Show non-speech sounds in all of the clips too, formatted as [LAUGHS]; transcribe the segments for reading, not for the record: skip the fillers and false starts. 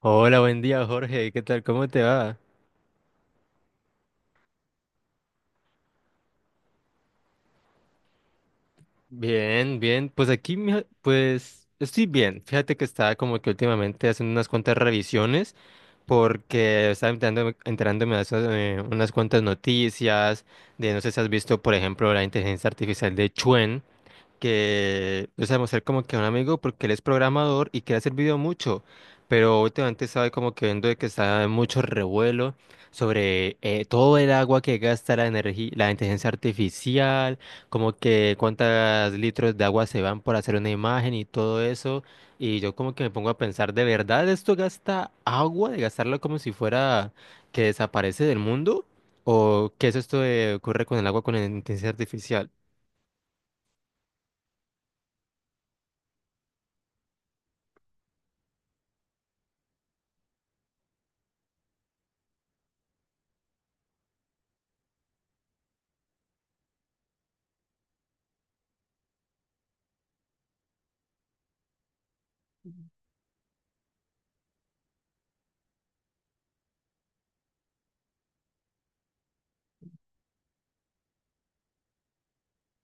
Hola, buen día, Jorge. ¿Qué tal? ¿Cómo te va? Bien, bien. Pues aquí, mija, pues estoy bien. Fíjate que estaba como que últimamente haciendo unas cuantas revisiones porque estaba enterándome de esas, unas cuantas noticias de, no sé si has visto, por ejemplo, la inteligencia artificial de Chuen. Que, o sea, mostrar como que a un amigo porque él es programador y que le ha servido mucho, pero últimamente estaba como que viendo de que está en mucho revuelo sobre todo el agua que gasta la energía, la inteligencia artificial, como que cuántos litros de agua se van por hacer una imagen y todo eso, y yo como que me pongo a pensar, ¿de verdad esto gasta agua? ¿De gastarlo como si fuera que desaparece del mundo? ¿O qué es esto de ocurre con el agua con la inteligencia artificial?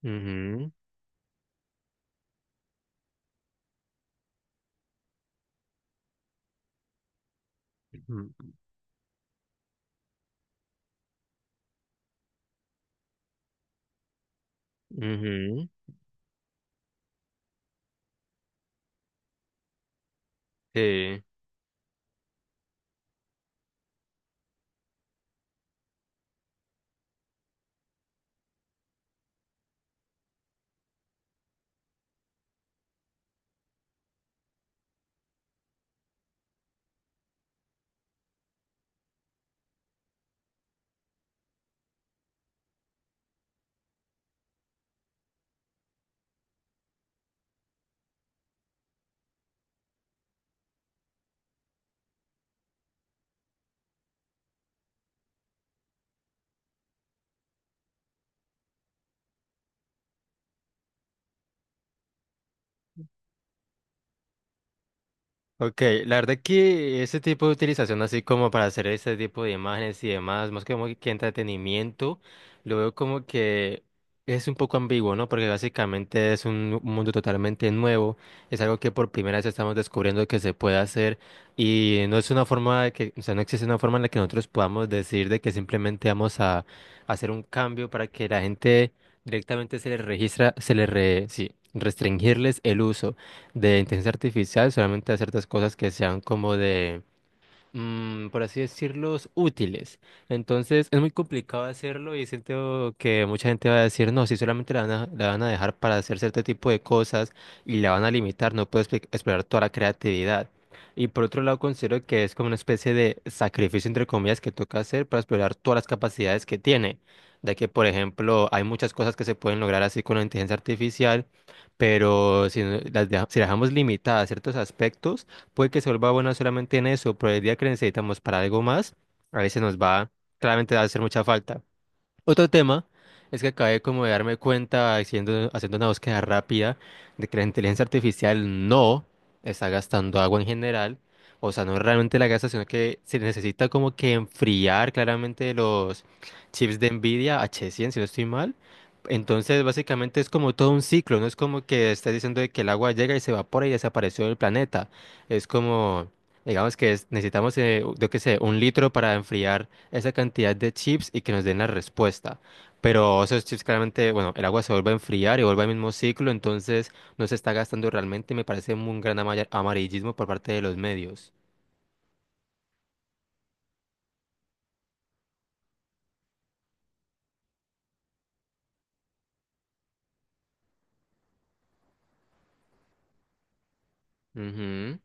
Ujú. Ujú. Ujú. Sí. Ok, la verdad que ese tipo de utilización así como para hacer ese tipo de imágenes y demás, más que como que entretenimiento, lo veo como que es un poco ambiguo, ¿no? Porque básicamente es un mundo totalmente nuevo, es algo que por primera vez estamos descubriendo que se puede hacer y no es una forma de que, o sea, no existe una forma en la que nosotros podamos decir de que simplemente vamos a hacer un cambio para que la gente directamente se les registra, sí, restringirles el uso de inteligencia artificial, solamente a ciertas cosas que sean como de, por así decirlos, útiles. Entonces es muy complicado hacerlo y siento que mucha gente va a decir, no, si solamente la van a dejar para hacer cierto tipo de cosas y la van a limitar, no puedes explorar toda la creatividad. Y por otro lado, considero que es como una especie de sacrificio, entre comillas, que toca hacer para explorar todas las capacidades que tiene. De que, por ejemplo, hay muchas cosas que se pueden lograr así con la inteligencia artificial, pero si las dejamos limitadas a ciertos aspectos, puede que se vuelva buena solamente en eso, pero el día que necesitamos para algo más, a veces nos va, claramente va a hacer mucha falta. Otro tema es que acabé como de darme cuenta haciendo, haciendo una búsqueda rápida de que la inteligencia artificial no está gastando agua en general. O sea, no realmente la gasta, sino que se necesita como que enfriar claramente los chips de Nvidia H100, si no estoy mal. Entonces, básicamente es como todo un ciclo, no es como que estás diciendo de que el agua llega y se evapora y desapareció del planeta. Es como, digamos que necesitamos, yo qué sé, un litro para enfriar esa cantidad de chips y que nos den la respuesta. Pero esos chips claramente, bueno, el agua se vuelve a enfriar y vuelve al mismo ciclo, entonces no se está gastando realmente y me parece un gran amarillismo por parte de los medios. Ujú,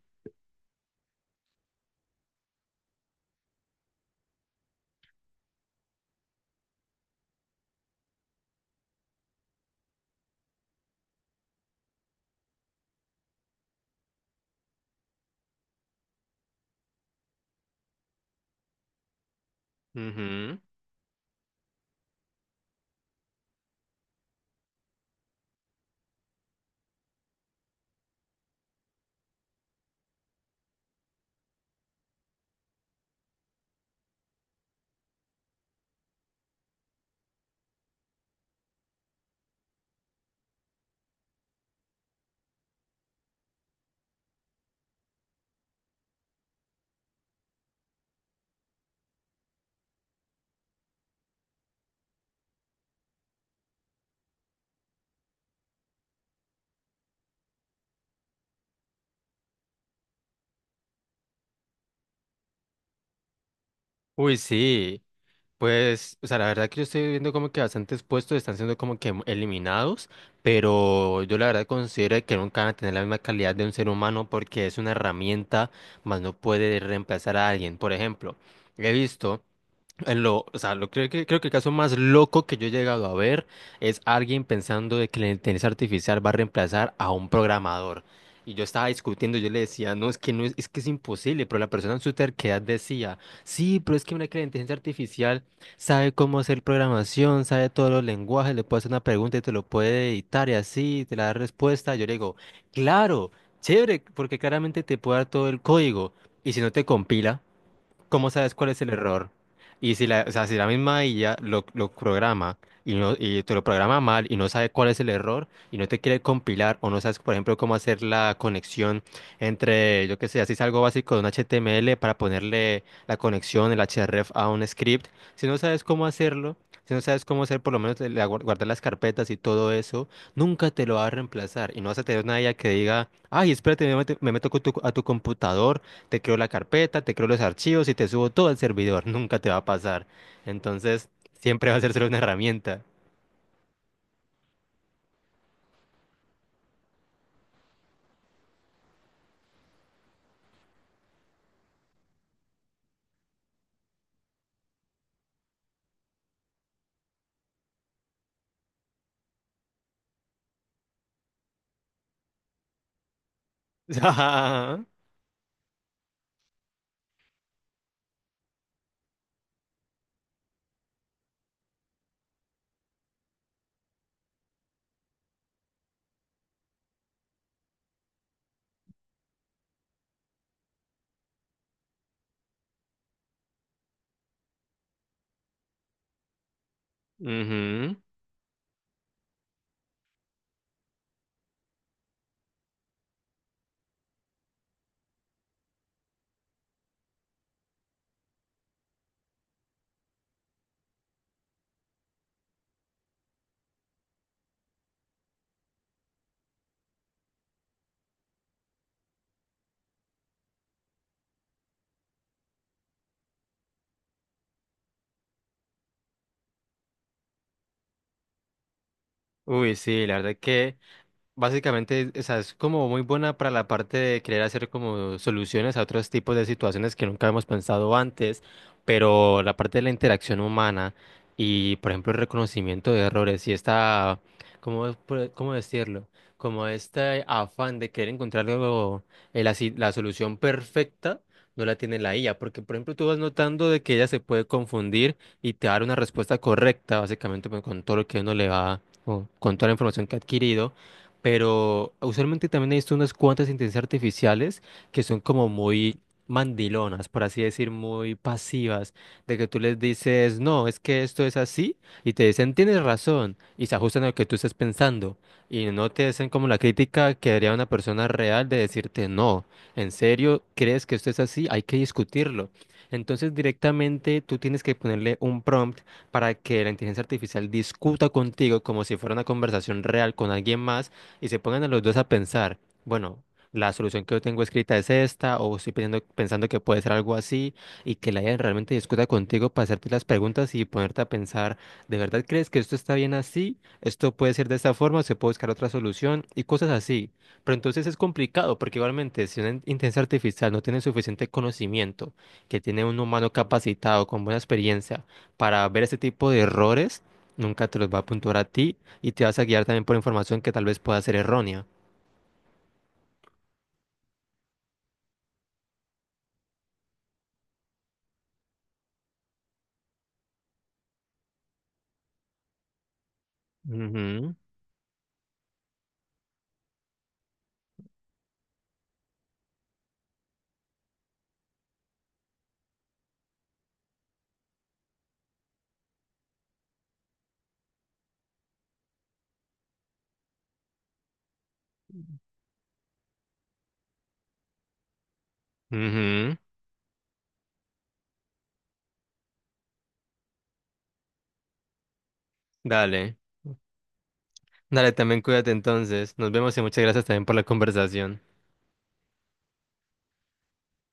ujú. Uy, sí. Pues, o sea, la verdad que yo estoy viendo como que bastantes puestos están siendo como que eliminados, pero yo la verdad considero que nunca van a tener la misma calidad de un ser humano porque es una herramienta, más no puede reemplazar a alguien. Por ejemplo, he visto… en Lo, o sea, lo creo que el caso más loco que yo he llegado a ver es alguien pensando de que la inteligencia artificial va a reemplazar a un programador. Y yo estaba discutiendo, yo le decía, no, es que no es, es que es imposible, pero la persona en su terquedad decía, sí, pero es que mira que la inteligencia artificial sabe cómo hacer programación, sabe todos los lenguajes, le puede hacer una pregunta y te lo puede editar y así, te la da respuesta. Yo le digo, claro, chévere, porque claramente te puede dar todo el código. ¿Y si no te compila, cómo sabes cuál es el error? Y si la, o sea, si la misma IA lo programa y, no, y te lo programa mal y no sabe cuál es el error y no te quiere compilar o no sabes, por ejemplo, cómo hacer la conexión entre, yo qué sé, así es algo básico de un HTML para ponerle la conexión, el href a un script, si no sabes cómo hacerlo, si no sabes cómo hacer por lo menos guardar las carpetas y todo eso, nunca te lo va a reemplazar y no vas a tener una IA que diga, ay, espérate, me meto con a tu computador, te creo la carpeta, te creo los archivos y te subo todo al servidor. [LAUGHS] Nunca te va a pasar. Entonces, siempre va a ser solo una herramienta. [LAUGHS] Ajá. Ujú. Uy, sí, la verdad que básicamente, o sea, es como muy buena para la parte de querer hacer como soluciones a otros tipos de situaciones que nunca hemos pensado antes, pero la parte de la interacción humana y, por ejemplo, el reconocimiento de errores y esta, ¿cómo, cómo decirlo? Como este afán de querer encontrar luego la solución perfecta, no la tiene la IA, porque, por ejemplo, tú vas notando de que ella se puede confundir y te va a dar una respuesta correcta, básicamente, pues, con todo lo que uno le va, o con toda la información que ha adquirido, pero usualmente también he visto unas cuantas inteligencias artificiales que son como muy mandilonas, por así decir, muy pasivas, de que tú les dices, no, es que esto es así, y te dicen, tienes razón, y se ajustan a lo que tú estás pensando, y no te hacen como la crítica que haría una persona real de decirte, no, en serio, ¿crees que esto es así? Hay que discutirlo. Entonces directamente tú tienes que ponerle un prompt para que la inteligencia artificial discuta contigo como si fuera una conversación real con alguien más y se pongan a los dos a pensar, bueno, la solución que yo tengo escrita es esta, o estoy pensando que puede ser algo así, y que la IA realmente discuta contigo para hacerte las preguntas y ponerte a pensar, ¿de verdad crees que esto está bien así? ¿Esto puede ser de esta forma? ¿Se puede buscar otra solución? Y cosas así. Pero entonces es complicado, porque igualmente si una inteligencia artificial no tiene suficiente conocimiento, que tiene un humano capacitado con buena experiencia para ver ese tipo de errores, nunca te los va a apuntar a ti y te vas a guiar también por información que tal vez pueda ser errónea. Ujú, ujú. Dale, dale, también cuídate entonces. Nos vemos y muchas gracias también por la conversación.